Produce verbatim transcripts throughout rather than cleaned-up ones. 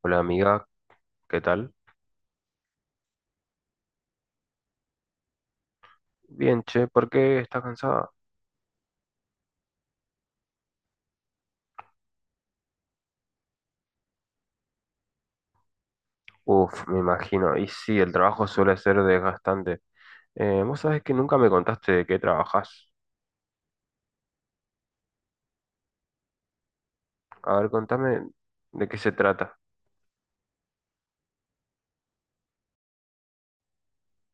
Hola amiga, ¿qué tal? Bien, che, ¿por qué estás cansada? Uf, me imagino. Y sí, el trabajo suele ser desgastante. Eh, vos sabés que nunca me contaste de qué trabajás. A ver, contame de qué se trata.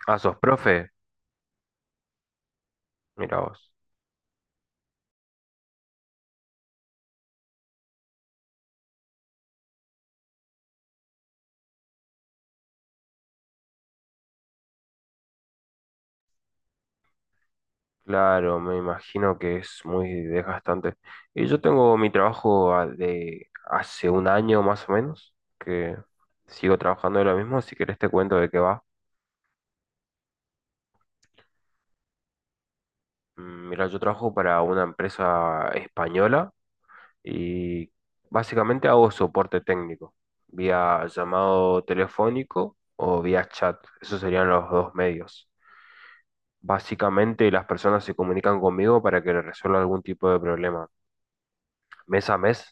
Ah, ¿sos profe? Mira vos. Claro, me imagino que es muy desgastante. Y yo tengo mi trabajo a- de hace un año más o menos, que sigo trabajando de lo mismo. Si querés te cuento de qué va. Mm, Mira, yo trabajo para una empresa española y básicamente hago soporte técnico, vía llamado telefónico o vía chat. Esos serían los dos medios. Básicamente las personas se comunican conmigo para que les resuelva algún tipo de problema. Mes a mes,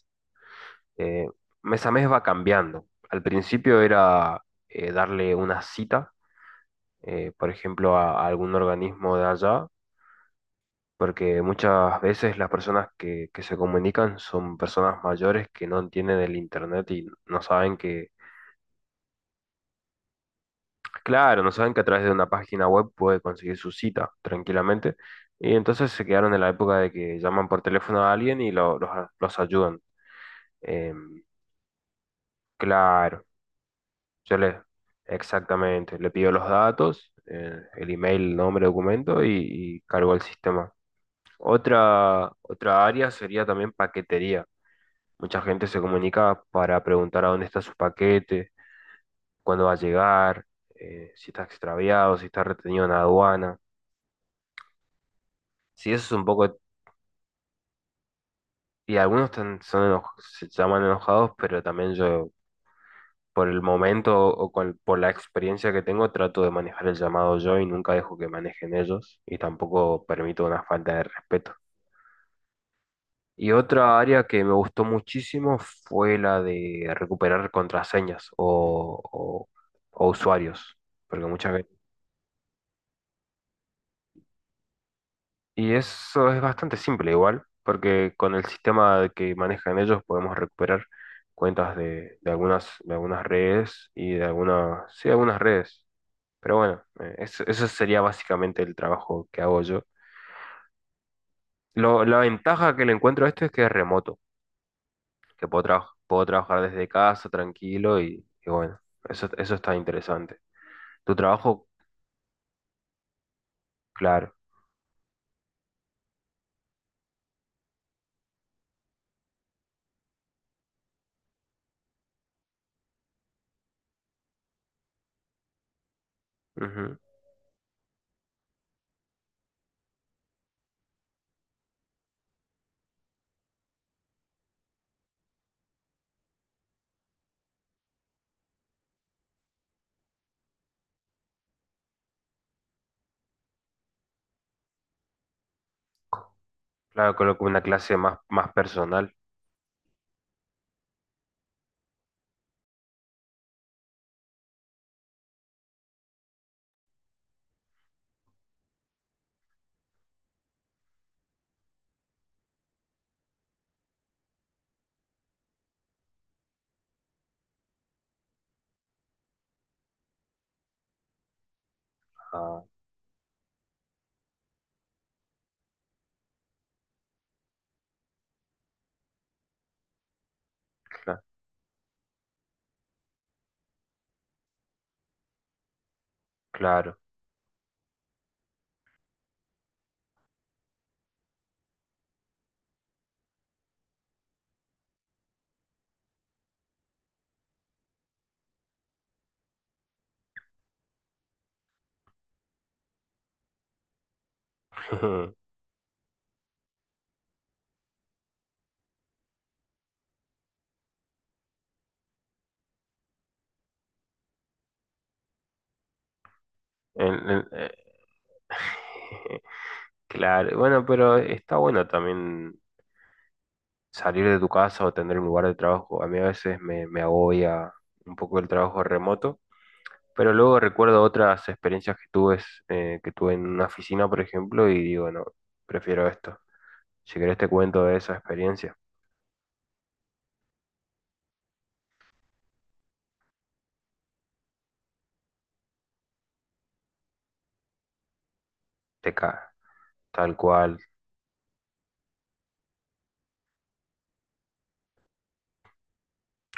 eh, mes a mes va cambiando. Al principio era eh, darle una cita, eh, por ejemplo, a, a algún organismo de allá. Porque muchas veces las personas que, que se comunican son personas mayores que no entienden el internet y no saben que. Claro, no saben que a través de una página web puede conseguir su cita tranquilamente. Y entonces se quedaron en la época de que llaman por teléfono a alguien y lo- los, a- los ayudan. Em, claro, yo le, exactamente, le pido los datos, eh, el email, nombre, documento y, y cargo al sistema. Otra, otra área sería también paquetería. Mucha gente se comunica para preguntar a dónde está su paquete, cuándo va a llegar, eh, si está extraviado, si está retenido en aduana. Sí, eso es un poco. Y algunos tan- son eno- se llaman enojados, pero también yo, por el momento o con- por la experiencia que tengo, trato de manejar el llamado yo y nunca dejo que manejen ellos y tampoco permito una falta de respeto. Y otra área que me gustó muchísimo fue la de recuperar contraseñas o, o- o usuarios, porque muchas veces. Y eso es bastante simple igual, porque con el sistema que manejan ellos podemos recuperar cuentas de, de algunas, de algunas redes y de algunas, sí, algunas redes. Pero bueno, eh, eso, eso sería básicamente el trabajo que hago yo. Lo- la ventaja que le encuentro a esto es que es remoto, que puedo, traj- puedo trabajar desde casa tranquilo y, y bueno, eso, eso está interesante. Tu trabajo, claro. Ujú. Claro, coloco una clase más, más personal. Ah, cla- claro. El- el- eh, claro, bueno, pero está bueno también salir de tu casa o tener un lugar de trabajo. A mí a veces me, me agobia un poco el trabajo remoto, pero luego recuerdo otras experiencias que tuve, eh, que tuve en una oficina, por ejemplo, y digo, no, prefiero esto. Si querés te cuento de esa experiencia. Te cae. Tal cual.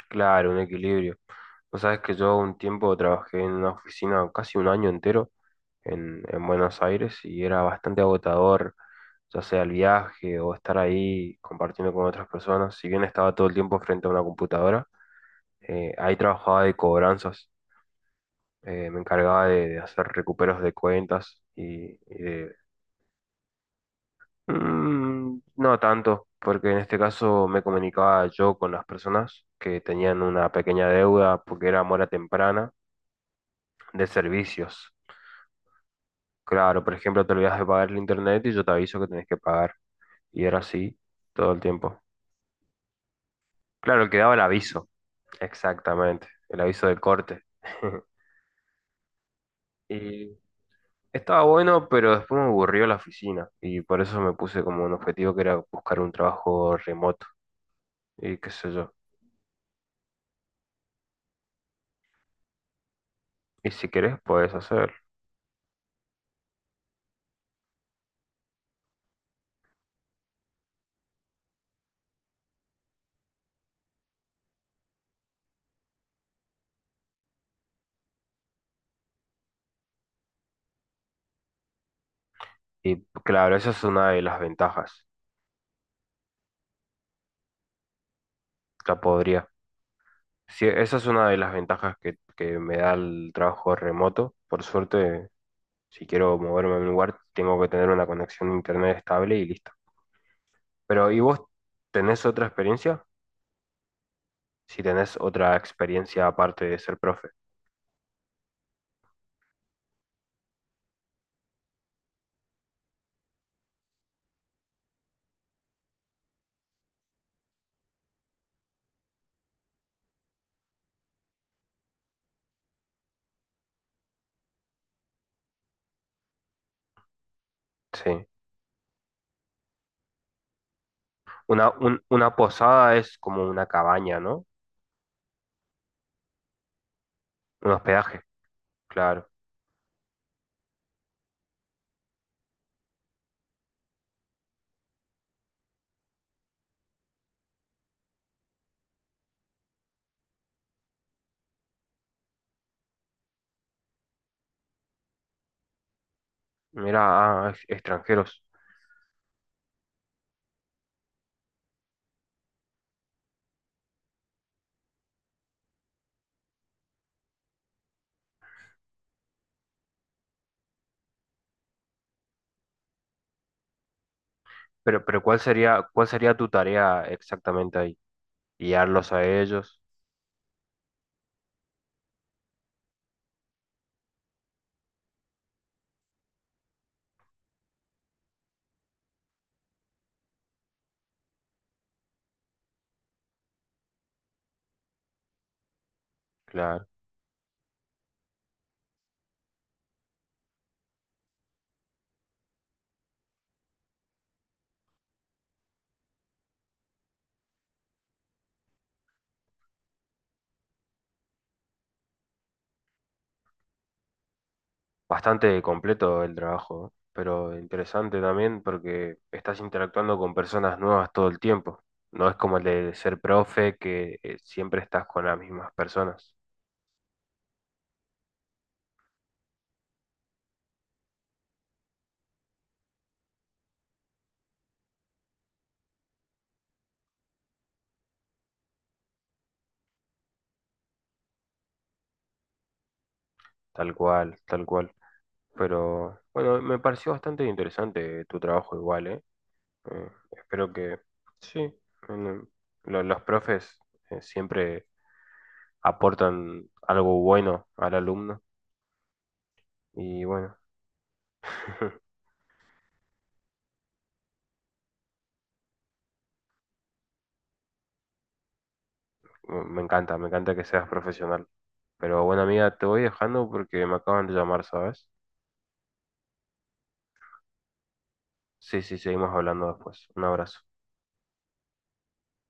Claro, un equilibrio. Vos sabés que yo un tiempo trabajé en una oficina casi un año entero en, en Buenos Aires y era bastante agotador, ya sea el viaje o estar ahí compartiendo con otras personas. Si bien estaba todo el tiempo frente a una computadora, eh, ahí trabajaba de cobranzas, eh, me encargaba de, de hacer recuperos de cuentas y, y de... Mm, no tanto, porque en este caso me comunicaba yo con las personas que tenían una pequeña deuda porque era mora temprana de servicios. Claro, por ejemplo, te olvidas de pagar el internet y yo te aviso que tenés que pagar. Y era así todo el tiempo. Claro, el que daba el aviso, exactamente, el aviso del corte. Y estaba bueno, pero después me aburrió la oficina y por eso me puse como un objetivo que era buscar un trabajo remoto y qué sé yo. Y si querés, puedes hacer. Y claro, esa es una de las ventajas. La podría. Sí, esa es una de las ventajas que, que me da el trabajo remoto. Por suerte, si quiero moverme a un lugar, tengo que tener una conexión a internet estable y listo. Pero, ¿y vos tenés otra experiencia? Si tenés otra experiencia aparte de ser profe. Sí. Una, un- una posada es como una cabaña, ¿no? Un hospedaje, claro. Mira, ah, ex- extranjeros. Pero, pero ¿cuál sería, cuál sería tu tarea exactamente ahí? Guiarlos a ellos, claro. Bastante completo el trabajo, ¿no? Pero interesante también porque estás interactuando con personas nuevas todo el tiempo. No es como el de ser profe que eh, siempre estás con las mismas personas. Tal cual, tal cual. Pero bueno, me pareció bastante interesante tu trabajo igual, ¿eh? Eh, espero que sí. en- lo- los profes eh, siempre aportan algo bueno al alumno y bueno, me me encanta, me encanta que seas profesional. Pero bueno, amiga, te voy dejando porque me acaban de llamar, ¿sabes? Sí, sí, seguimos hablando después. Un abrazo.